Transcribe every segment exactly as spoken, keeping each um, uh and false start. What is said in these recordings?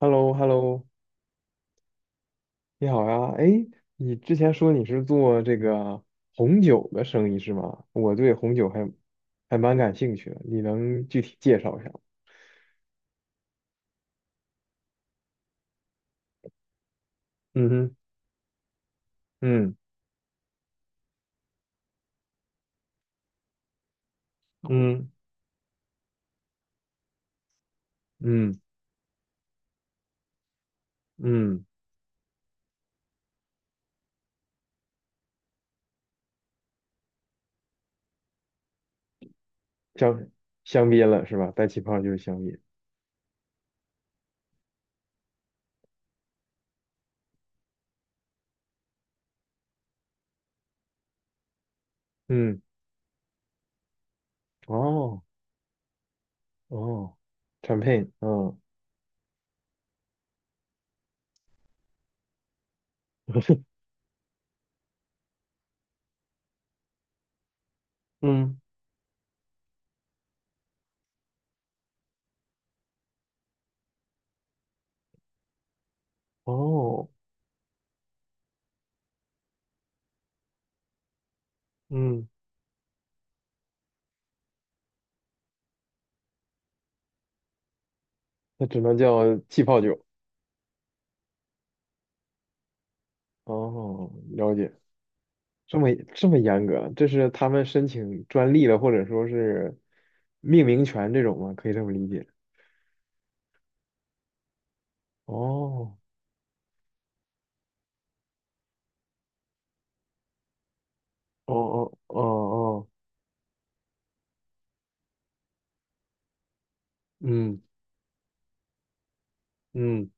h e l l o h e l l o 你好呀。哎，你之前说你是做这个红酒的生意是吗？我对红酒还还蛮感兴趣的，你能具体介绍一下吗？嗯哼，嗯嗯嗯嗯，香香槟了是吧？带气泡就是香槟。嗯，哦哦，champagne，嗯嗯，哦嗯，那只能叫气泡酒。哦，了解。这么这么严格，这是他们申请专利了，或者说是命名权这种吗？可以这么理解。哦，哦哦哦哦，嗯嗯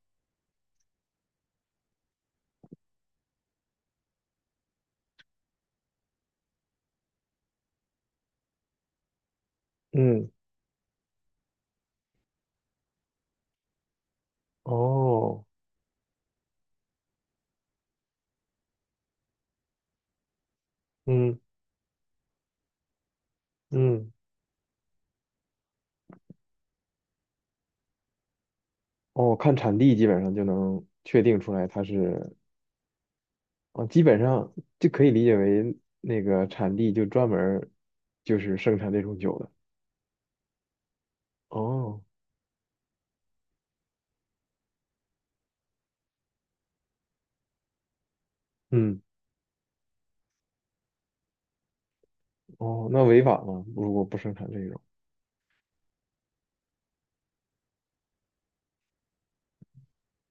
嗯，哦，嗯嗯，哦，看产地基本上就能确定出来它是，哦，基本上就可以理解为那个产地就专门儿就是生产这种酒的。哦，嗯，哦，那违法吗？如果不生产这种？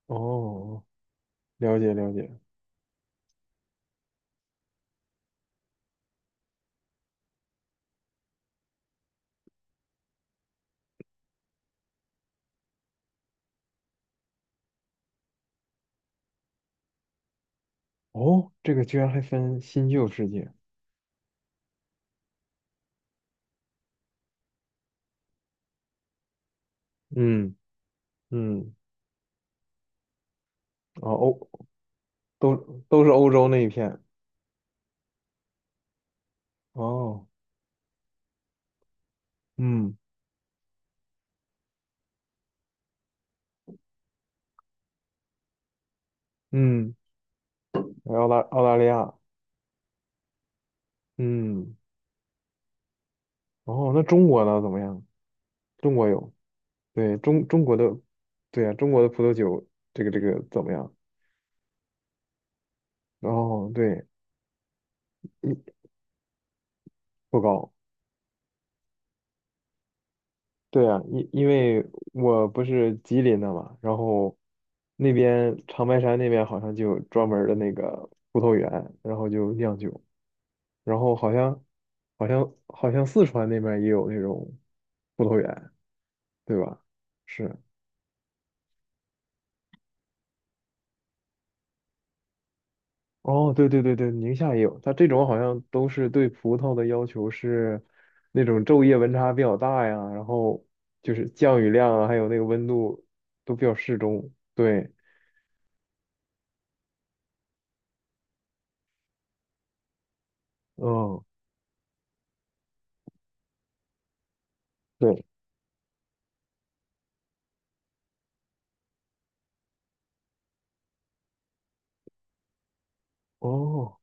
哦，了解了解。哦，这个居然还分新旧世界。嗯嗯，啊欧都都是欧洲那一片。哦，嗯嗯，澳大澳大利亚，嗯，哦，那中国呢？怎么样？中国有，对中中国的，对呀，中国的葡萄酒，这个这个怎么样？哦，对，一不高，对啊，因因为我不是吉林的嘛，然后那边长白山那边好像就有专门儿的那个葡萄园，然后就酿酒。然后好像好像好像四川那边儿也有那种葡萄园，对吧？是，哦，对对对对，宁夏也有，它这种好像都是对葡萄的要求是那种昼夜温差比较大呀，然后就是降雨量啊，还有那个温度都比较适中。对，嗯，对，哦，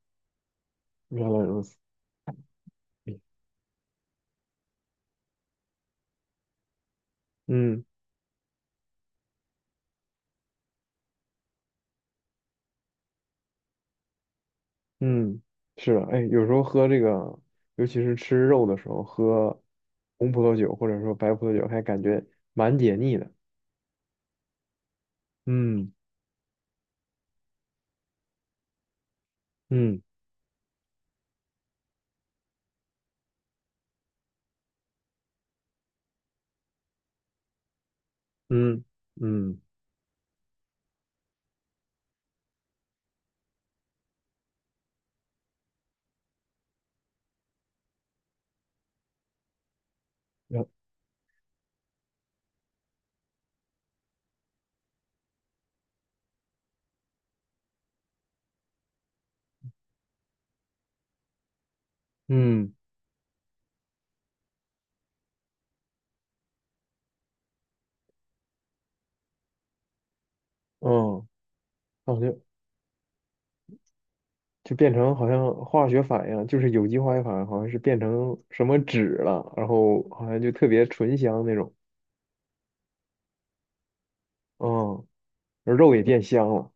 原来如此，嗯。嗯，是的，哎，有时候喝这个，尤其是吃肉的时候，喝红葡萄酒或者说白葡萄酒，还感觉蛮解腻的。嗯嗯嗯嗯，然嗯嗯，感觉就变成好像化学反应，就是有机化学反应，好像是变成什么酯了，然后好像就特别醇香那种。嗯，而肉也变香了，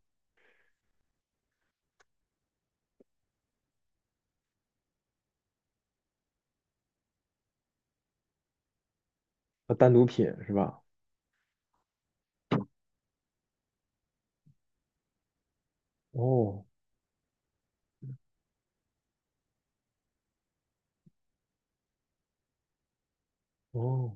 单独品是吧？哦哦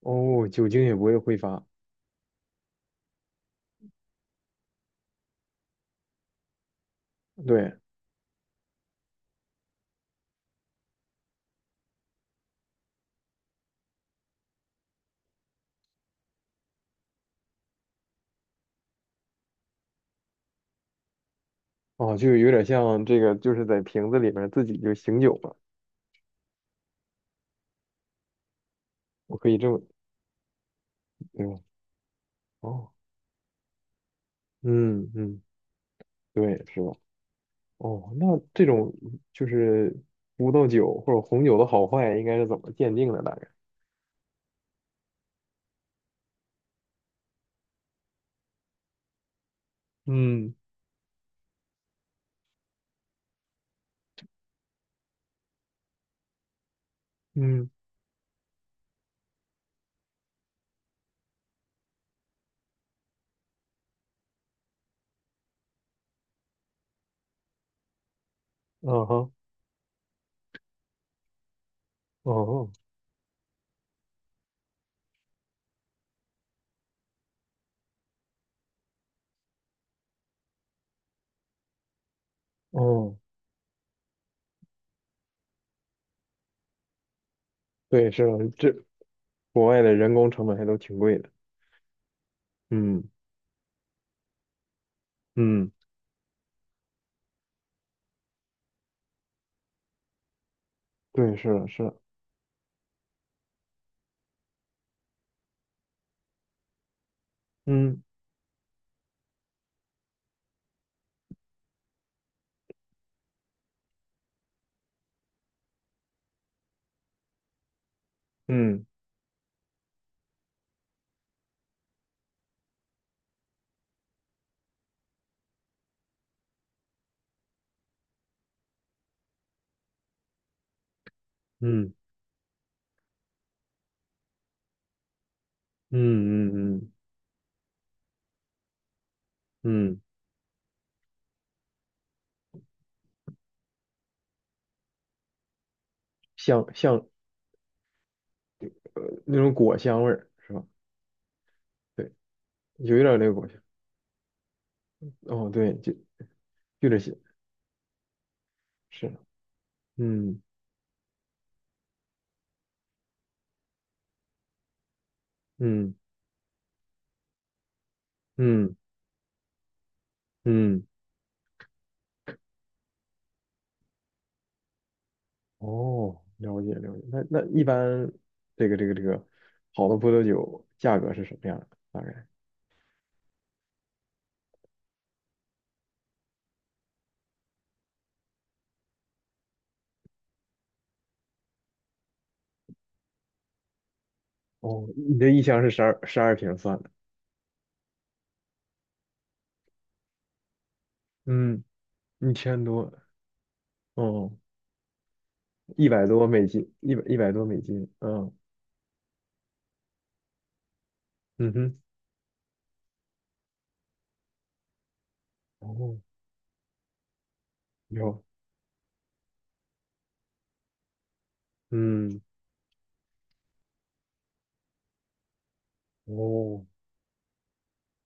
哦，酒精也不会挥发。对，哦，就有点像这个，就是在瓶子里面自己就醒酒了。我可以这么，对吧？哦，嗯嗯，对，是吧？哦，那这种就是葡萄酒或者红酒的好坏，应该是怎么鉴定的？大概？嗯嗯，啊哈，哦哦，对，是的，这国外的人工成本还都挺贵的。嗯嗯，对，是的，是的，嗯嗯嗯嗯嗯嗯嗯，香香那种果香味儿是吧？对。有一点儿个果香。哦，对，就就这些，是，嗯嗯嗯嗯，哦，了解了解。那那一般这个这个这个好的葡萄酒价格是什么样的？大概？哦，你这一箱是十二十二瓶算的，嗯，一千多，哦，一百多美金，一百一百多美金，嗯嗯哼，哦，有，嗯，哦，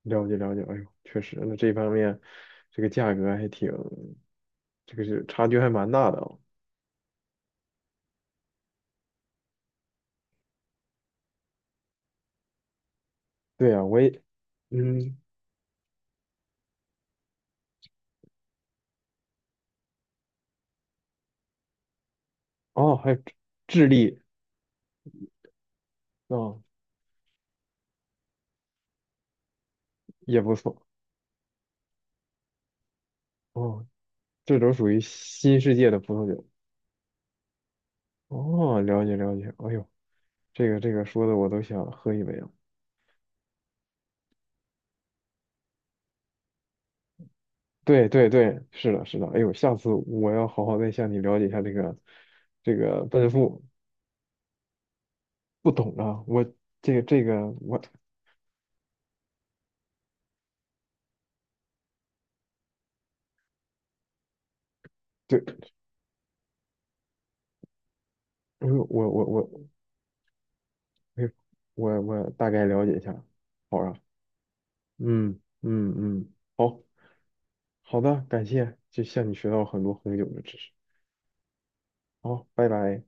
了解了解，哎呦，确实，那这方面这个价格还挺。这个是差距还蛮大的啊。对啊，我也，嗯，哦，还有智智利，哦，也不错，哦，这都属于新世界的葡萄酒，哦，了解了解，哎呦，这个这个说的我都想喝一杯了，对对对，是的是的，哎呦，下次我要好好再向你了解一下这个这个奔赴，不懂啊，我这个这个我对，哎呦，我我我，哎呦，我我大概了解一下，好啊，嗯嗯嗯，好，好的，感谢，就向你学到很多很酒的知识。好，拜拜。